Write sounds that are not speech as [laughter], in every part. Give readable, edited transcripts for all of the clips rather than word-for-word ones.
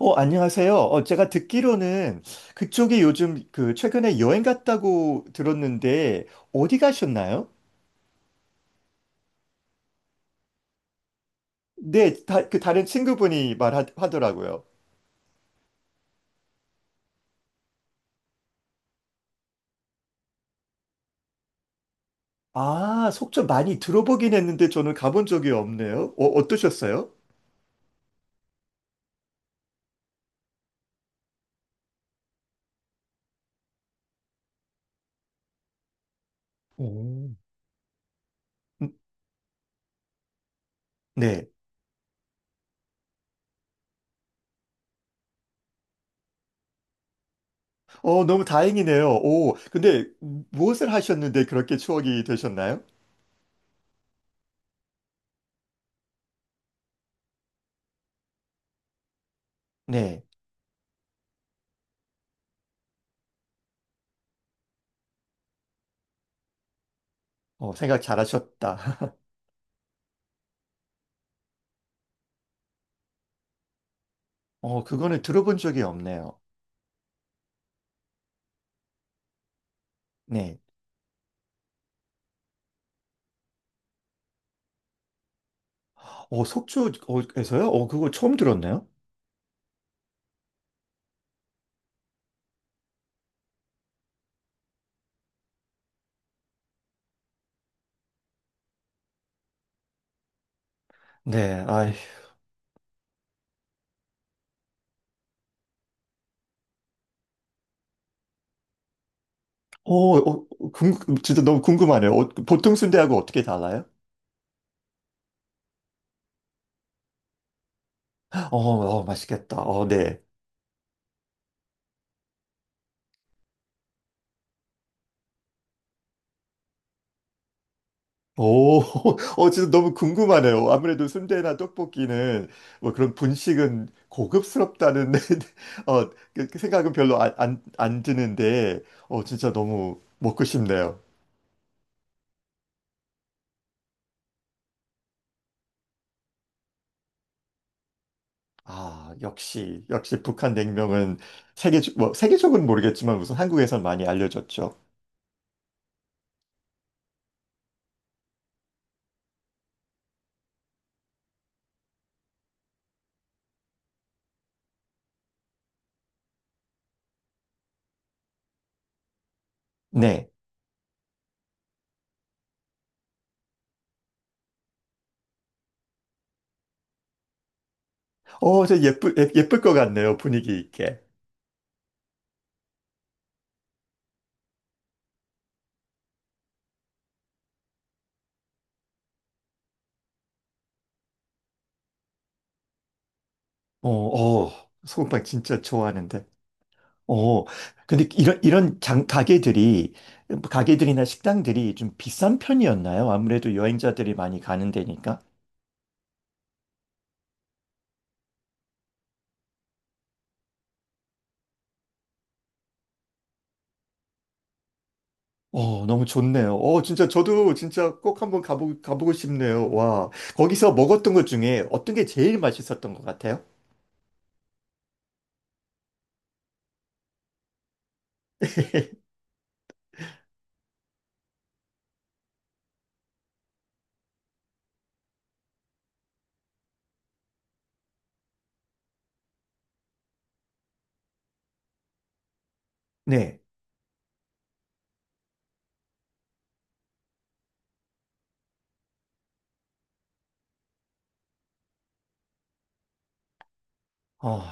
안녕하세요. 제가 듣기로는 그쪽이 요즘 최근에 여행 갔다고 들었는데 어디 가셨나요? 네, 그 다른 친구분이 말하더라고요. 아, 속초 많이 들어보긴 했는데 저는 가본 적이 없네요. 어떠셨어요? 오. 음, 네. 너무 다행이네요. 오, 근데 무엇을 하셨는데 그렇게 추억이 되셨나요? 네. 어, 생각 잘하셨다. [laughs] 어, 그거는 들어본 적이 없네요. 네. 어, 속초에서요? 어, 그거 처음 들었네요. 네, 아이, 어, 어, 진짜 너무 궁금하네요. 그 보통 순대하고 어떻게 달라요? 어, 어, 맛있겠다. 어, 네. 오, [laughs] 진짜 너무 궁금하네요. 아무래도 순대나 떡볶이는 뭐 그런 분식은 고급스럽다는 [laughs] 어, 그 생각은 별로 안 드는데, 진짜 너무 먹고 싶네요. 아, 역시 북한 냉면은 세계적으로는 모르겠지만 우선 한국에선 많이 알려졌죠. 네. 어, 예쁠 것 같네요. 분위기 있게. 어, 어, 소금빵 진짜 좋아하는데. 어, 근데 이런 가게들이, 가게들이나 식당들이 좀 비싼 편이었나요? 아무래도 여행자들이 많이 가는 데니까. 너무 좋네요. 진짜 저도 진짜 꼭 가보고 싶네요. 와, 거기서 먹었던 것 중에 어떤 게 제일 맛있었던 것 같아요? [laughs] 네. 어.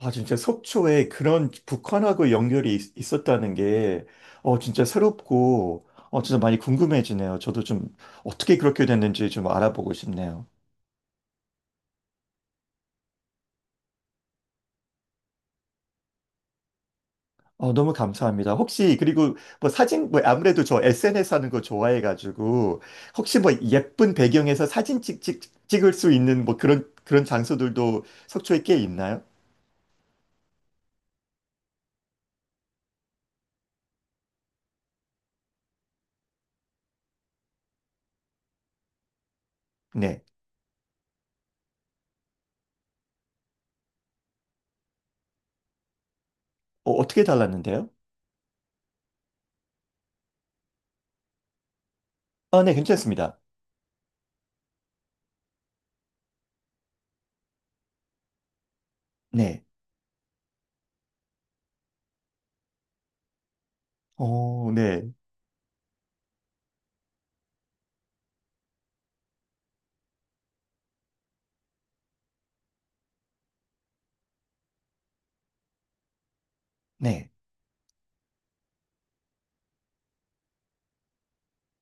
아, 진짜 속초에 그런 북한하고 연결이 있었다는 게, 어, 진짜 새롭고, 어, 진짜 많이 궁금해지네요. 저도 좀 어떻게 그렇게 됐는지 좀 알아보고 싶네요. 너무 감사합니다. 혹시, 그리고 뭐 사진, 뭐 아무래도 저 SNS 하는 거 좋아해가지고, 혹시 뭐 예쁜 배경에서 찍을 수 있는 뭐 그런 장소들도 속초에 꽤 있나요? 네. 어, 어떻게 달랐는데요? 아, 네, 괜찮습니다. 네. 어, 네. 네.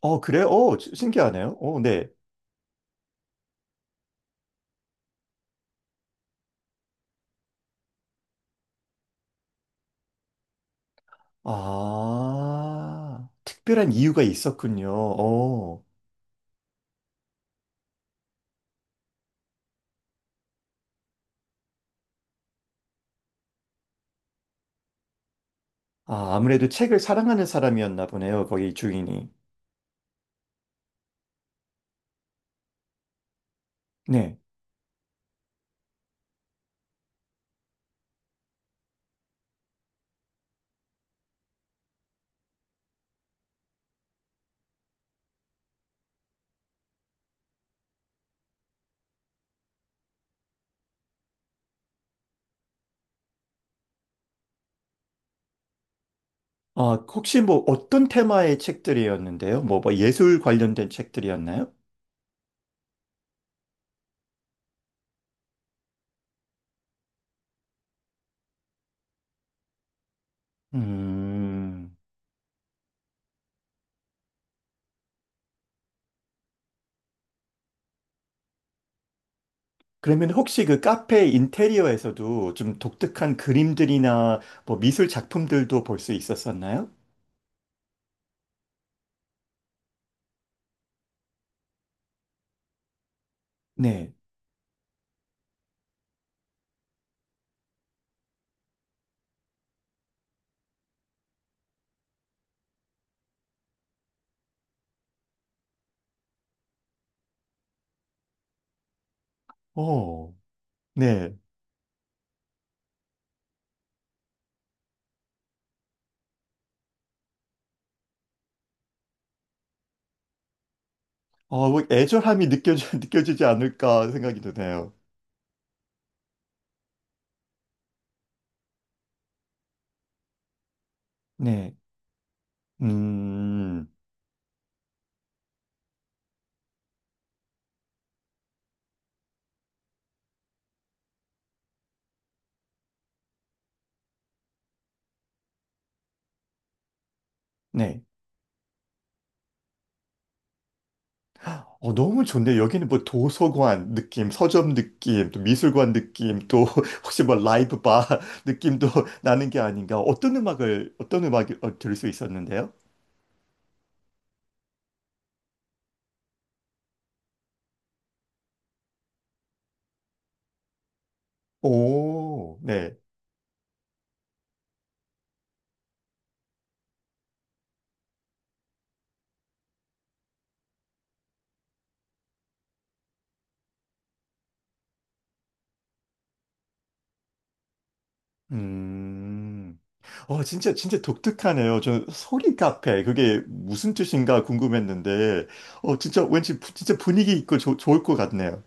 어, 그래? 어, 신기하네요. 어, 네. 아, 특별한 이유가 있었군요. 어, 아, 아무래도 책을 사랑하는 사람이었나 보네요. 거기 주인이. 네. 아, 혹시 뭐 어떤 테마의 책들이었는데요? 뭐 예술 관련된 책들이었나요? 음, 그러면 혹시 그 카페 인테리어에서도 좀 독특한 그림들이나 뭐 미술 작품들도 볼 수 있었었나요? 네. 어, 네. 어, 뭐 [laughs] 느껴지지 않을까 생각이 드네요. 네. 음, 네. 너무 좋네요. 여기는 뭐 도서관 느낌, 서점 느낌, 또 미술관 느낌, 또 [laughs] 혹시 뭐 라이브 바 [laughs] 느낌도 [laughs] 나는 게 아닌가. 어떤 음악을 어, 들을 수 있었는데요? 오, 네. 음, 어, 진짜 독특하네요. 저 소리 카페, 그게 무슨 뜻인가 궁금했는데, 진짜 왠지, 진짜 분위기 있고 좋 좋을 것 같네요.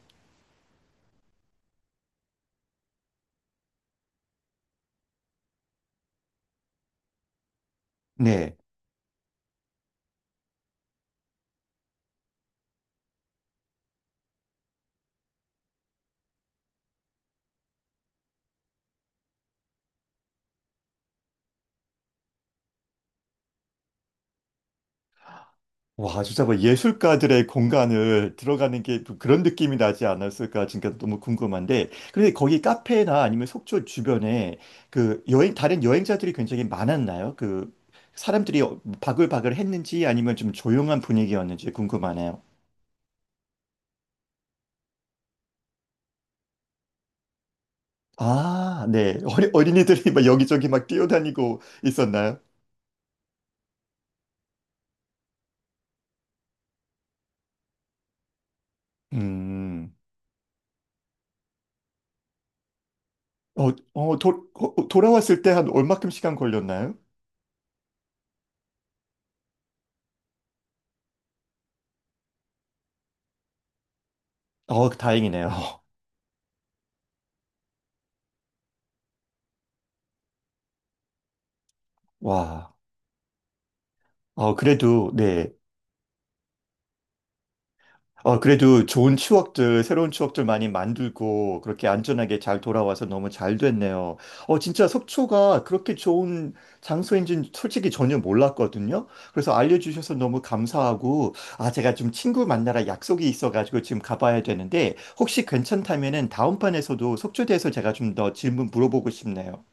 네. 와, 진짜 뭐 예술가들의 공간을 들어가는 게또 그런 느낌이 나지 않았을까? 진짜 너무 궁금한데. 그런데 거기 카페나 아니면 속초 주변에 다른 여행자들이 굉장히 많았나요? 그 사람들이 어, 바글바글 했는지 아니면 좀 조용한 분위기였는지 궁금하네요. 아, 네. 어린이들이 막 여기저기 막 뛰어다니고 있었나요? 음. 어, 돌아왔을 때 한 얼마큼 시간 걸렸나요? 어, 다행이네요. [laughs] 와. 어, 그래도, 네. 어 그래도 좋은 추억들, 새로운 추억들 많이 만들고, 그렇게 안전하게 잘 돌아와서 너무 잘 됐네요. 진짜 속초가 그렇게 좋은 장소인지는 솔직히 전혀 몰랐거든요. 그래서 알려주셔서 너무 감사하고, 아, 제가 좀 친구 만나러 약속이 있어가지고 지금 가봐야 되는데, 혹시 괜찮다면은 다음판에서도 속초에 대해서 제가 좀 더 질문 물어보고 싶네요.